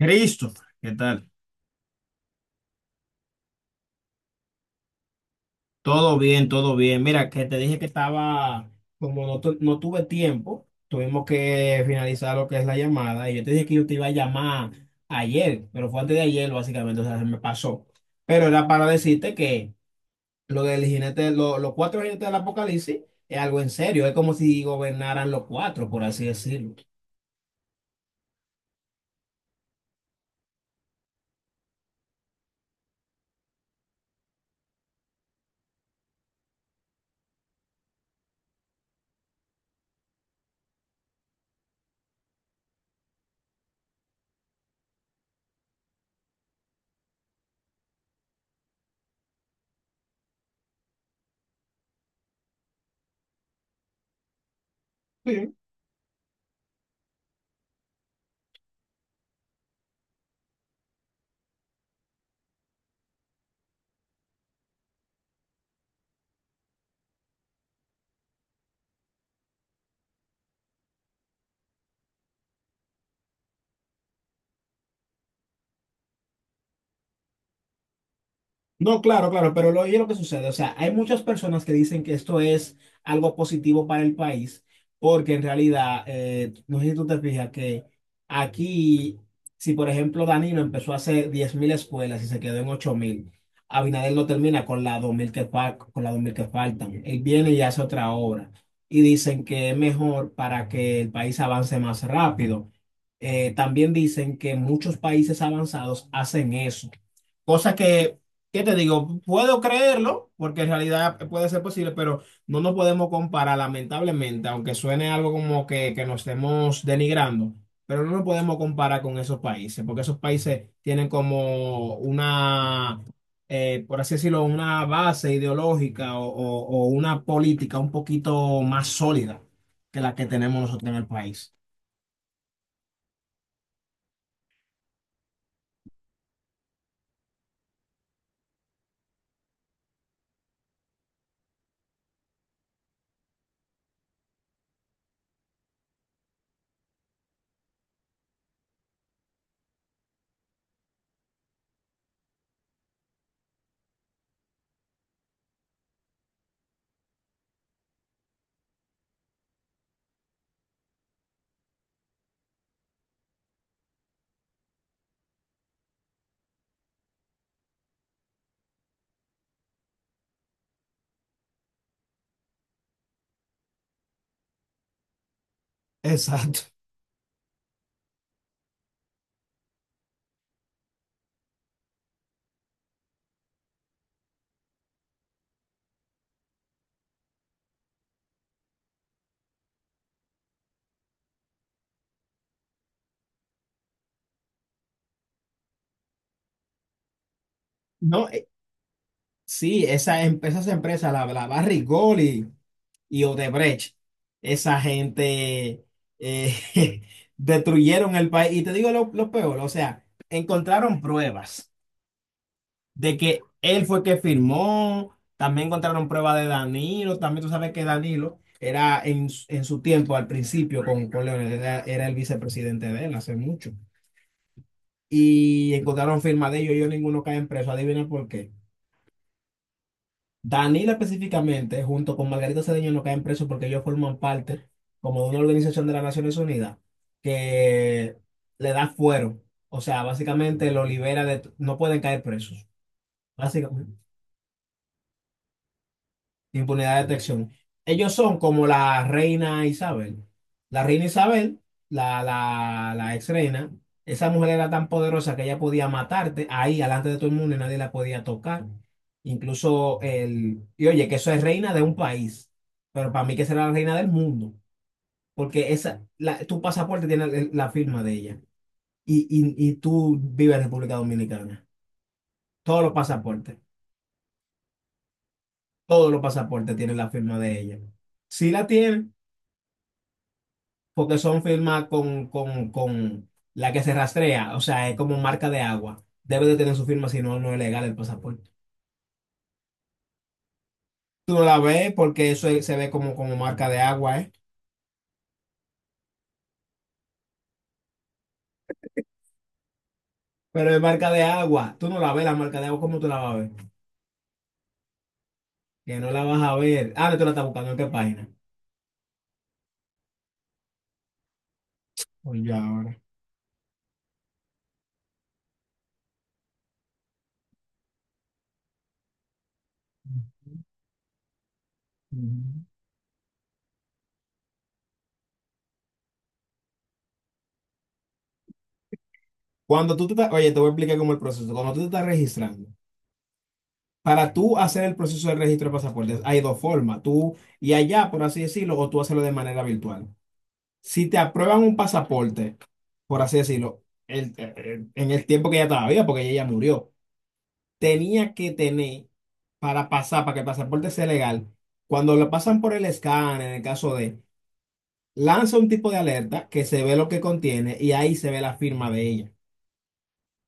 Christopher, ¿qué tal? Todo bien, todo bien. Mira, que te dije que estaba, como no, no tuve tiempo, tuvimos que finalizar lo que es la llamada y yo te dije que yo te iba a llamar ayer, pero fue antes de ayer, básicamente, o sea, se me pasó. Pero era para decirte que lo del jinete, los cuatro jinetes del apocalipsis es algo en serio, es como si gobernaran los cuatro, por así decirlo. No, claro, claro, pero oye lo que sucede, o sea, hay muchas personas que dicen que esto es algo positivo para el país, porque en realidad, no sé si tú te fijas que aquí, si por ejemplo Danilo empezó a hacer 10.000 escuelas y se quedó en 8.000. Abinader no termina con las 2.000 con las 2.000 que faltan, él viene y hace otra obra, y dicen que es mejor para que el país avance más rápido. También dicen que muchos países avanzados hacen eso, cosa que, ¿qué te digo? Puedo creerlo, porque en realidad puede ser posible, pero no nos podemos comparar, lamentablemente, aunque suene algo como que nos estemos denigrando, pero no nos podemos comparar con esos países, porque esos países tienen como por así decirlo, una base ideológica o una política un poquito más sólida que la que tenemos nosotros en el país. Exacto. No, sí, esas empresas, la Barrick Gold y Odebrecht, esa gente eh, destruyeron el país. Y te digo lo peor, o sea, encontraron pruebas de que él fue que firmó, también encontraron pruebas de Danilo, también tú sabes que Danilo era en su tiempo, al principio, con Leonel, era el vicepresidente de él hace mucho. Y encontraron firma de ellos ninguno caen preso, adivina por qué. Danila específicamente, junto con Margarita Cedeño, no caen presos porque ellos forman parte como de una organización de las Naciones Unidas que le da fuero. O sea, básicamente lo libera de. No pueden caer presos, básicamente. Impunidad de detección. Ellos son como la reina Isabel. La reina Isabel, la ex reina, esa mujer era tan poderosa que ella podía matarte ahí, delante de todo el mundo, y nadie la podía tocar. Y oye, que eso es reina de un país, pero para mí que será la reina del mundo, porque esa, tu pasaporte tiene la firma de ella. Y tú vives en República Dominicana. Todos los pasaportes, todos los pasaportes tienen la firma de ella. Sí la tiene porque son firmas con la que se rastrea, o sea, es como marca de agua. Debe de tener su firma, si no, no es legal el pasaporte. Tú no la ves porque se ve como, como marca de agua, ¿eh? Pero es marca de agua. Tú no la ves, la marca de agua, ¿cómo tú la vas a ver? Que no la vas a ver. Ah, no, tú la estás buscando en qué página. Oye, ahora. Ujú. Cuando tú te estás, oye, te voy a explicar cómo es el proceso. Cuando tú te estás registrando, para tú hacer el proceso de registro de pasaportes, hay dos formas. Tú y allá, por así decirlo, o tú hacerlo de manera virtual. Si te aprueban un pasaporte, por así decirlo, en el tiempo que ella estaba viva, porque ella ya murió, tenía que tener para pasar, para que el pasaporte sea legal, cuando lo pasan por el escáner, en el caso de, lanza un tipo de alerta que se ve lo que contiene y ahí se ve la firma de ella.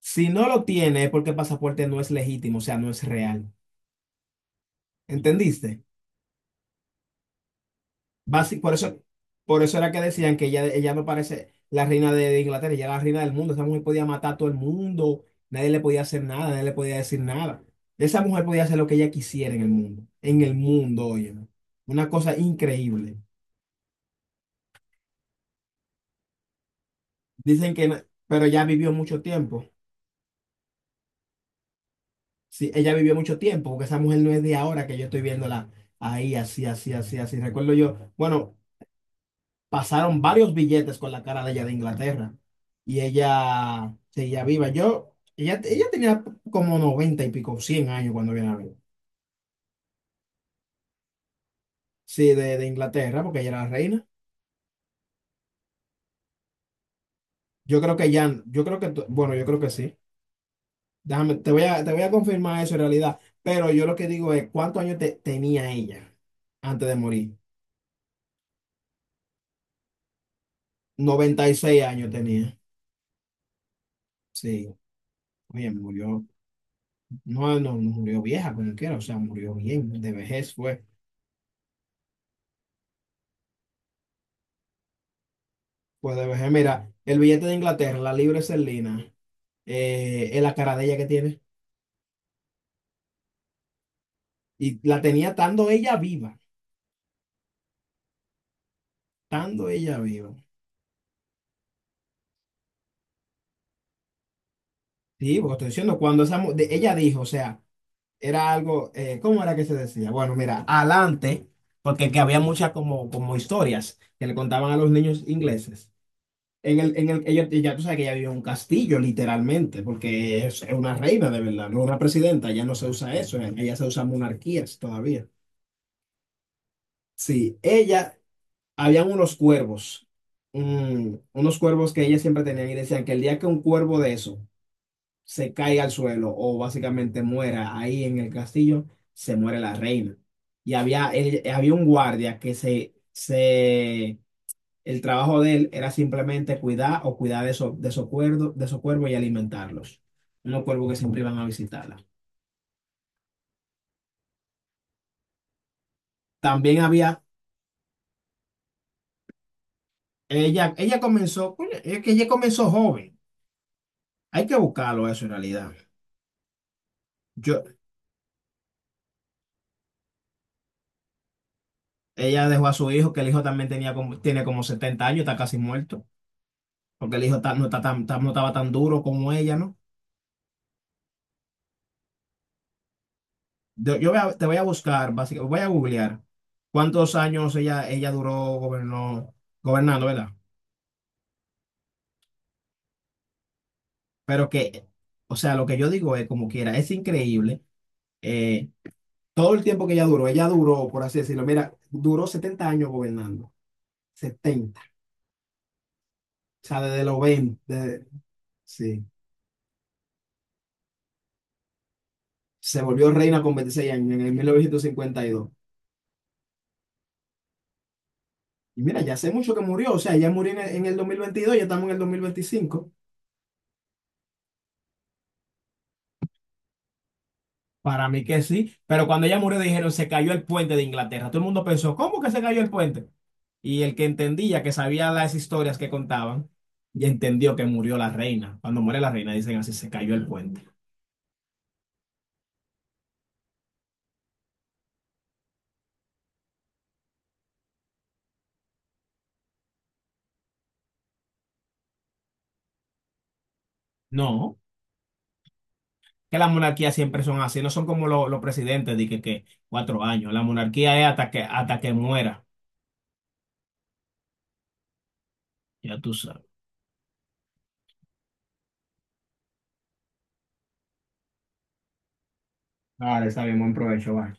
Si no lo tiene, es porque el pasaporte no es legítimo, o sea, no es real. ¿Entendiste? Basi- por eso, por eso era que decían que ella no parece la reina de Inglaterra, ella era la reina del mundo. Esa mujer podía matar a todo el mundo, nadie le podía hacer nada, nadie le podía decir nada. Esa mujer podía hacer lo que ella quisiera en el mundo, oye, ¿no? Una cosa increíble. Dicen que, pero ella vivió mucho tiempo. Sí, ella vivió mucho tiempo, porque esa mujer no es de ahora que yo estoy viéndola ahí, así, así, así, así. Recuerdo yo, bueno. Pasaron varios billetes con la cara de ella de Inglaterra y ella seguía viva. Ella tenía como 90 y pico, 100 años cuando viene a ver. Sí, de Inglaterra, porque ella era la reina. Yo creo que ya, yo creo que, tú- bueno, yo creo que sí. Déjame, te voy a confirmar eso en realidad, pero yo lo que digo es, ¿cuántos años tenía ella antes de morir? 96 años tenía. Sí, oye, murió, no murió vieja como quiera, o sea, murió bien, de vejez fue. Pues puede ver, mira, el billete de Inglaterra, la libra esterlina, es la cara de ella que tiene. Y la tenía estando ella viva, estando ella viva. Sí, porque estoy diciendo, cuando ella dijo, o sea, era algo, ¿cómo era que se decía? Bueno, mira, adelante, porque que había muchas como, como historias que le contaban a los niños ingleses. Ya tú sabes que ella vivió en un castillo, literalmente, porque es una reina de verdad, no una presidenta, ya no se usa eso, ella se usa monarquías todavía. Sí, ella Habían unos cuervos, unos cuervos que ella siempre tenía y decían que el día que un cuervo de eso se caiga al suelo o básicamente muera ahí en el castillo, se muere la reina. Y había un guardia que el trabajo de él era simplemente cuidar o cuidar de esos cuervos y alimentarlos. Unos cuervos que siempre iban a visitarla. También había, ella comenzó, coño, es que ella comenzó joven. Hay que buscarlo eso en realidad. Yo, Ella dejó a su hijo, que el hijo también tiene como 70 años, está casi muerto, porque el hijo no estaba tan duro como ella, ¿no? Te voy a buscar, básicamente, voy a googlear cuántos años ella duró gobernando, ¿verdad? Pero que, o sea, lo que yo digo es como quiera, es increíble. eh, todo el tiempo que ella duró, por así decirlo, mira, duró 70 años gobernando, 70, o sea, desde los 20 sí, se volvió reina con 26 años en el 1952. Y mira, ya hace mucho que murió, o sea, ella murió en el 2022, ya estamos en el 2025. Para mí que sí, pero cuando ella murió dijeron se cayó el puente de Inglaterra. Todo el mundo pensó, ¿cómo que se cayó el puente? Y el que entendía, que sabía las historias que contaban, y entendió que murió la reina. Cuando muere la reina dicen así, se cayó el puente. No, que las monarquías siempre son así, no son como los presidentes, de que 4 años. La monarquía es hasta que muera, ya tú sabes. Ahora está bien, buen provecho, va.